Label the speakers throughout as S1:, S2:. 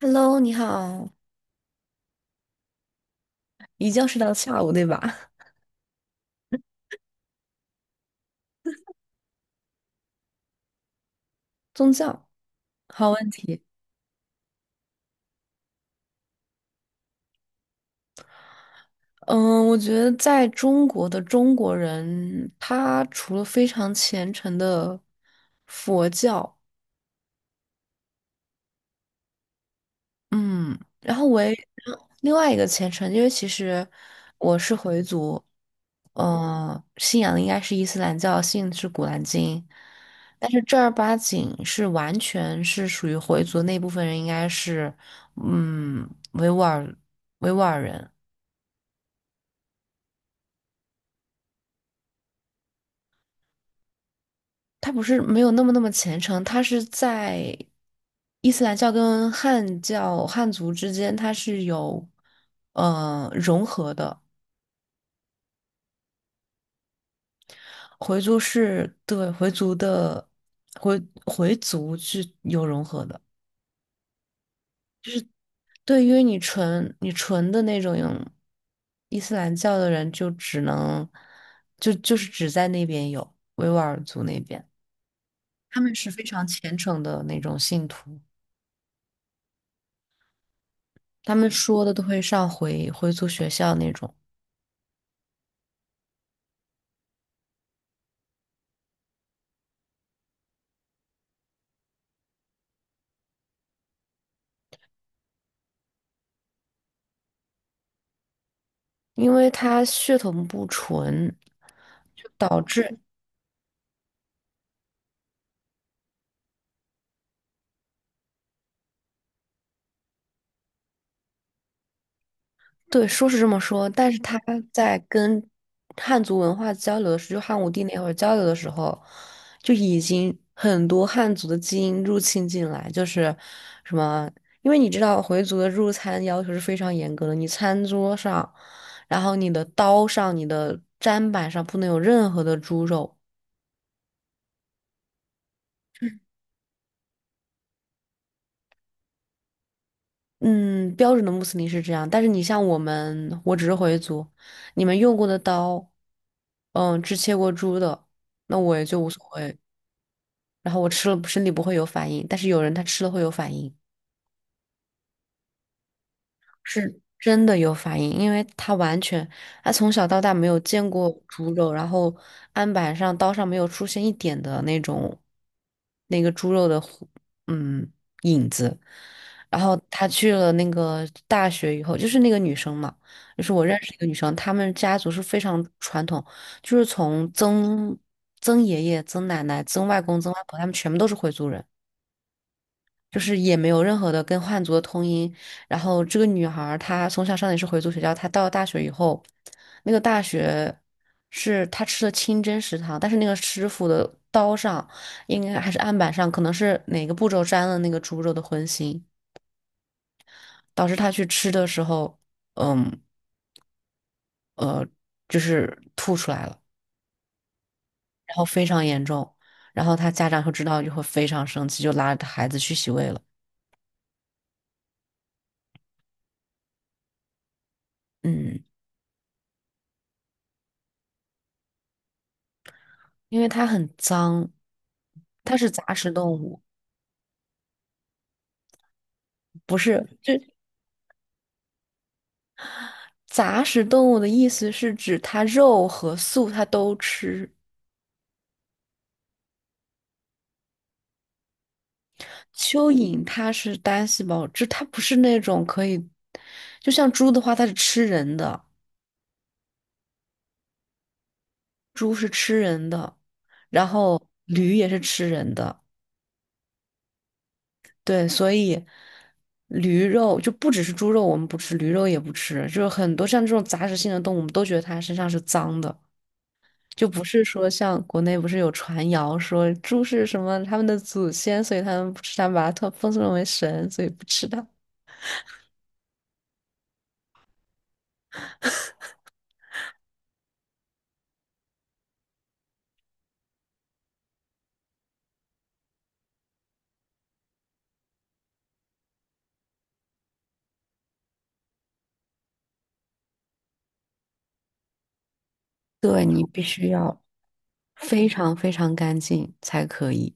S1: Hello，你好，一觉睡到下午，对吧？宗教，好问题。嗯，我觉得在中国的中国人，他除了非常虔诚的佛教，嗯然后我也另外一个虔诚，因为其实我是回族，信仰的应该是伊斯兰教，信的是《古兰经》，但是正儿八经是完全是属于回族那部分人，应该是嗯维吾尔维吾尔人，他不是没有那么那么虔诚，他是在伊斯兰教跟汉教汉族之间，他是有融合的。回族是对回族的回回族是有融合的，对因为你纯的那种伊斯兰教的人，就只能就只在那边有维吾尔族那边，他们是非常虔诚的那种信徒，他们说的都会上回族学校那种，因为他血统不纯，就导致对，说是这么说，但是他在跟汉族文化交流的时候，就汉武帝那会儿交流的时候，就已经很多汉族的基因入侵进来，就是什么，因为你知道回族的入餐要求是非常严格的，你餐桌上，然后你的刀上、你的砧板上不能有任何的猪肉。嗯，标准的穆斯林是这样，但是你像我们，我只是回族，你们用过的刀，嗯，只切过猪的，那我也就无所谓。然后我吃了身体不会有反应，但是有人他吃了会有反应，是，真的有反应，因为他完全他从小到大没有见过猪肉，然后案板上刀上没有出现一点的那种那个猪肉的糊嗯影子，然后他去了那个大学以后，就是那个女生嘛，就是我认识一个女生，她们家族是非常传统，就是从曾爷爷、曾奶奶、曾外公、曾外婆，他们全部都是回族人。就是也没有任何的跟汉族的通音。然后这个女孩儿她从小上的也是回族学校，她到了大学以后，那个大学是她吃的清真食堂，但是那个师傅的刀上应该还是案板上，可能是哪个步骤沾了那个猪肉的荤腥，导致她去吃的时候，嗯呃，就是吐出来了，然后非常严重。然后她家长就知道就会非常生气，就拉着孩子去洗胃了。嗯。因为它很脏，它是杂食动物，不是，就杂食动物的意思是指它肉和素它都吃。蚯蚓它是单细胞，就它不是那种可以，就像猪的话，它是吃人的，猪是吃人的，然后驴也是吃人的，对，所以驴肉就不只是猪肉，我们不吃，驴肉也不吃，就是很多像这种杂食性的动物，我们都觉得它身上是脏的。就不是说像国内不是有传谣说猪是什么他们的祖先，所以他们不吃它，把它特奉送为神，所以不吃它。对，你必须要非常非常干净才可以。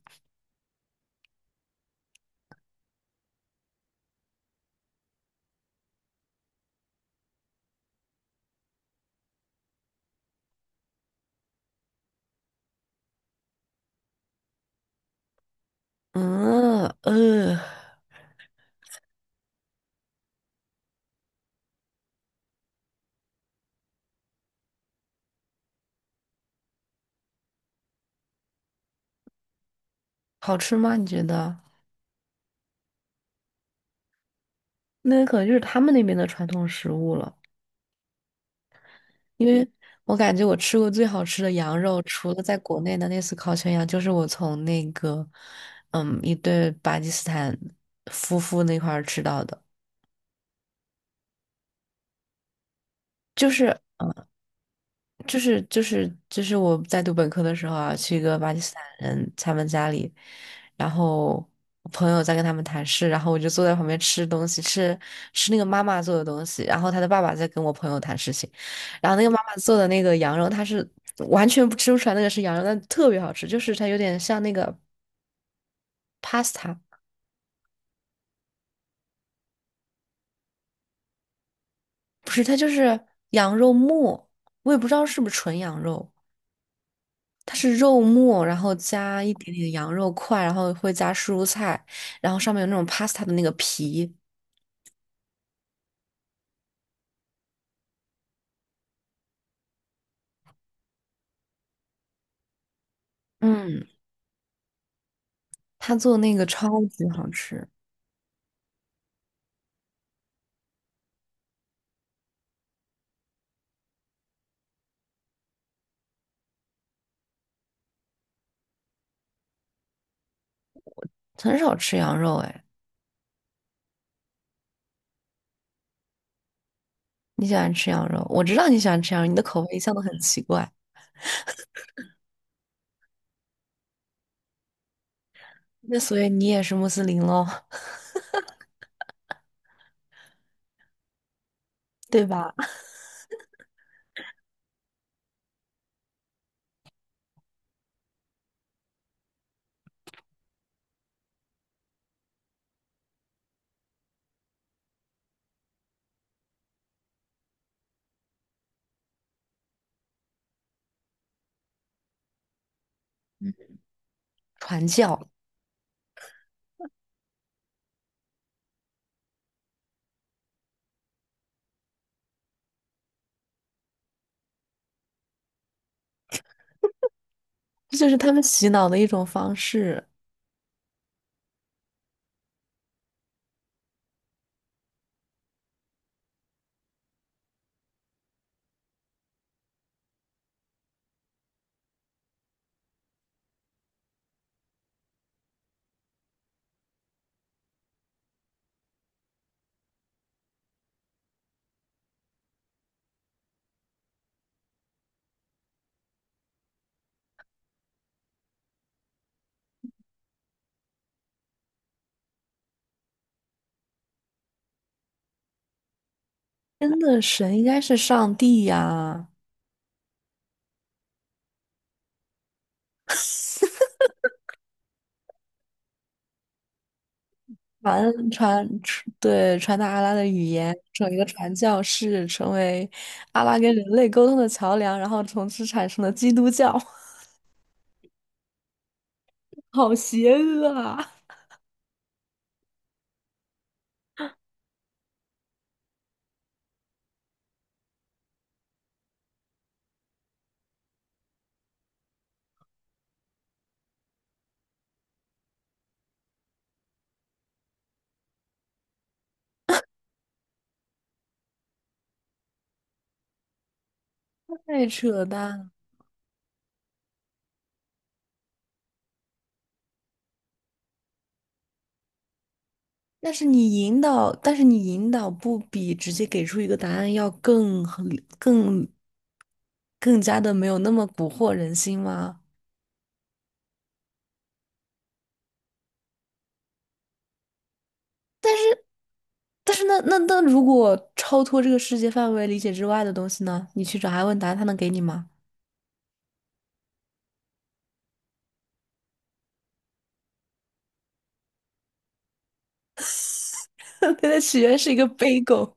S1: 嗯呃，好吃吗？你觉得？那可能就是他们那边的传统食物了，因为我感觉我吃过最好吃的羊肉，除了在国内的那次烤全羊，就是我从那个一对巴基斯坦夫妇那块儿吃到的。就是嗯，就是我在读本科的时候啊，去一个巴基斯坦人他们家里，然后我朋友在跟他们谈事，然后我就坐在旁边吃东西，吃那个妈妈做的东西，然后他的爸爸在跟我朋友谈事情，然后那个妈妈做的那个羊肉，它是完全不吃不出来那个是羊肉，但特别好吃，就是它有点像那个 pasta，不是，它就是羊肉末，我也不知道是不是纯羊肉。它是肉末，然后加一点点羊肉块，然后会加蔬菜，然后上面有那种 pasta 的那个皮。嗯，他做那个超级好吃，很少吃羊肉哎。你喜欢吃羊肉？我知道你喜欢吃羊肉，你的口味一向都很奇怪。那所以你也是穆斯林喽，对吧？传教，这就是他们洗脑的一种方式，真的，神应该是上帝呀、传传对，传达阿拉的语言，成为一个传教士，成为阿拉跟人类沟通的桥梁，然后从此产生了基督教，好邪恶啊！太扯淡了。但是你引导，但是你引导不比直接给出一个答案要更合更更加的没有那么蛊惑人心吗？但是那如果超脱这个世界范围理解之外的东西呢？你去找他问答案他能给你吗？他的起源是一个 b 狗。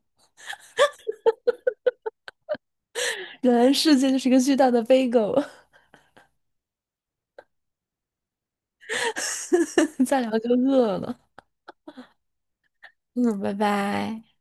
S1: 原来世界就是一个巨大的飞狗，再聊就饿了。嗯，拜拜。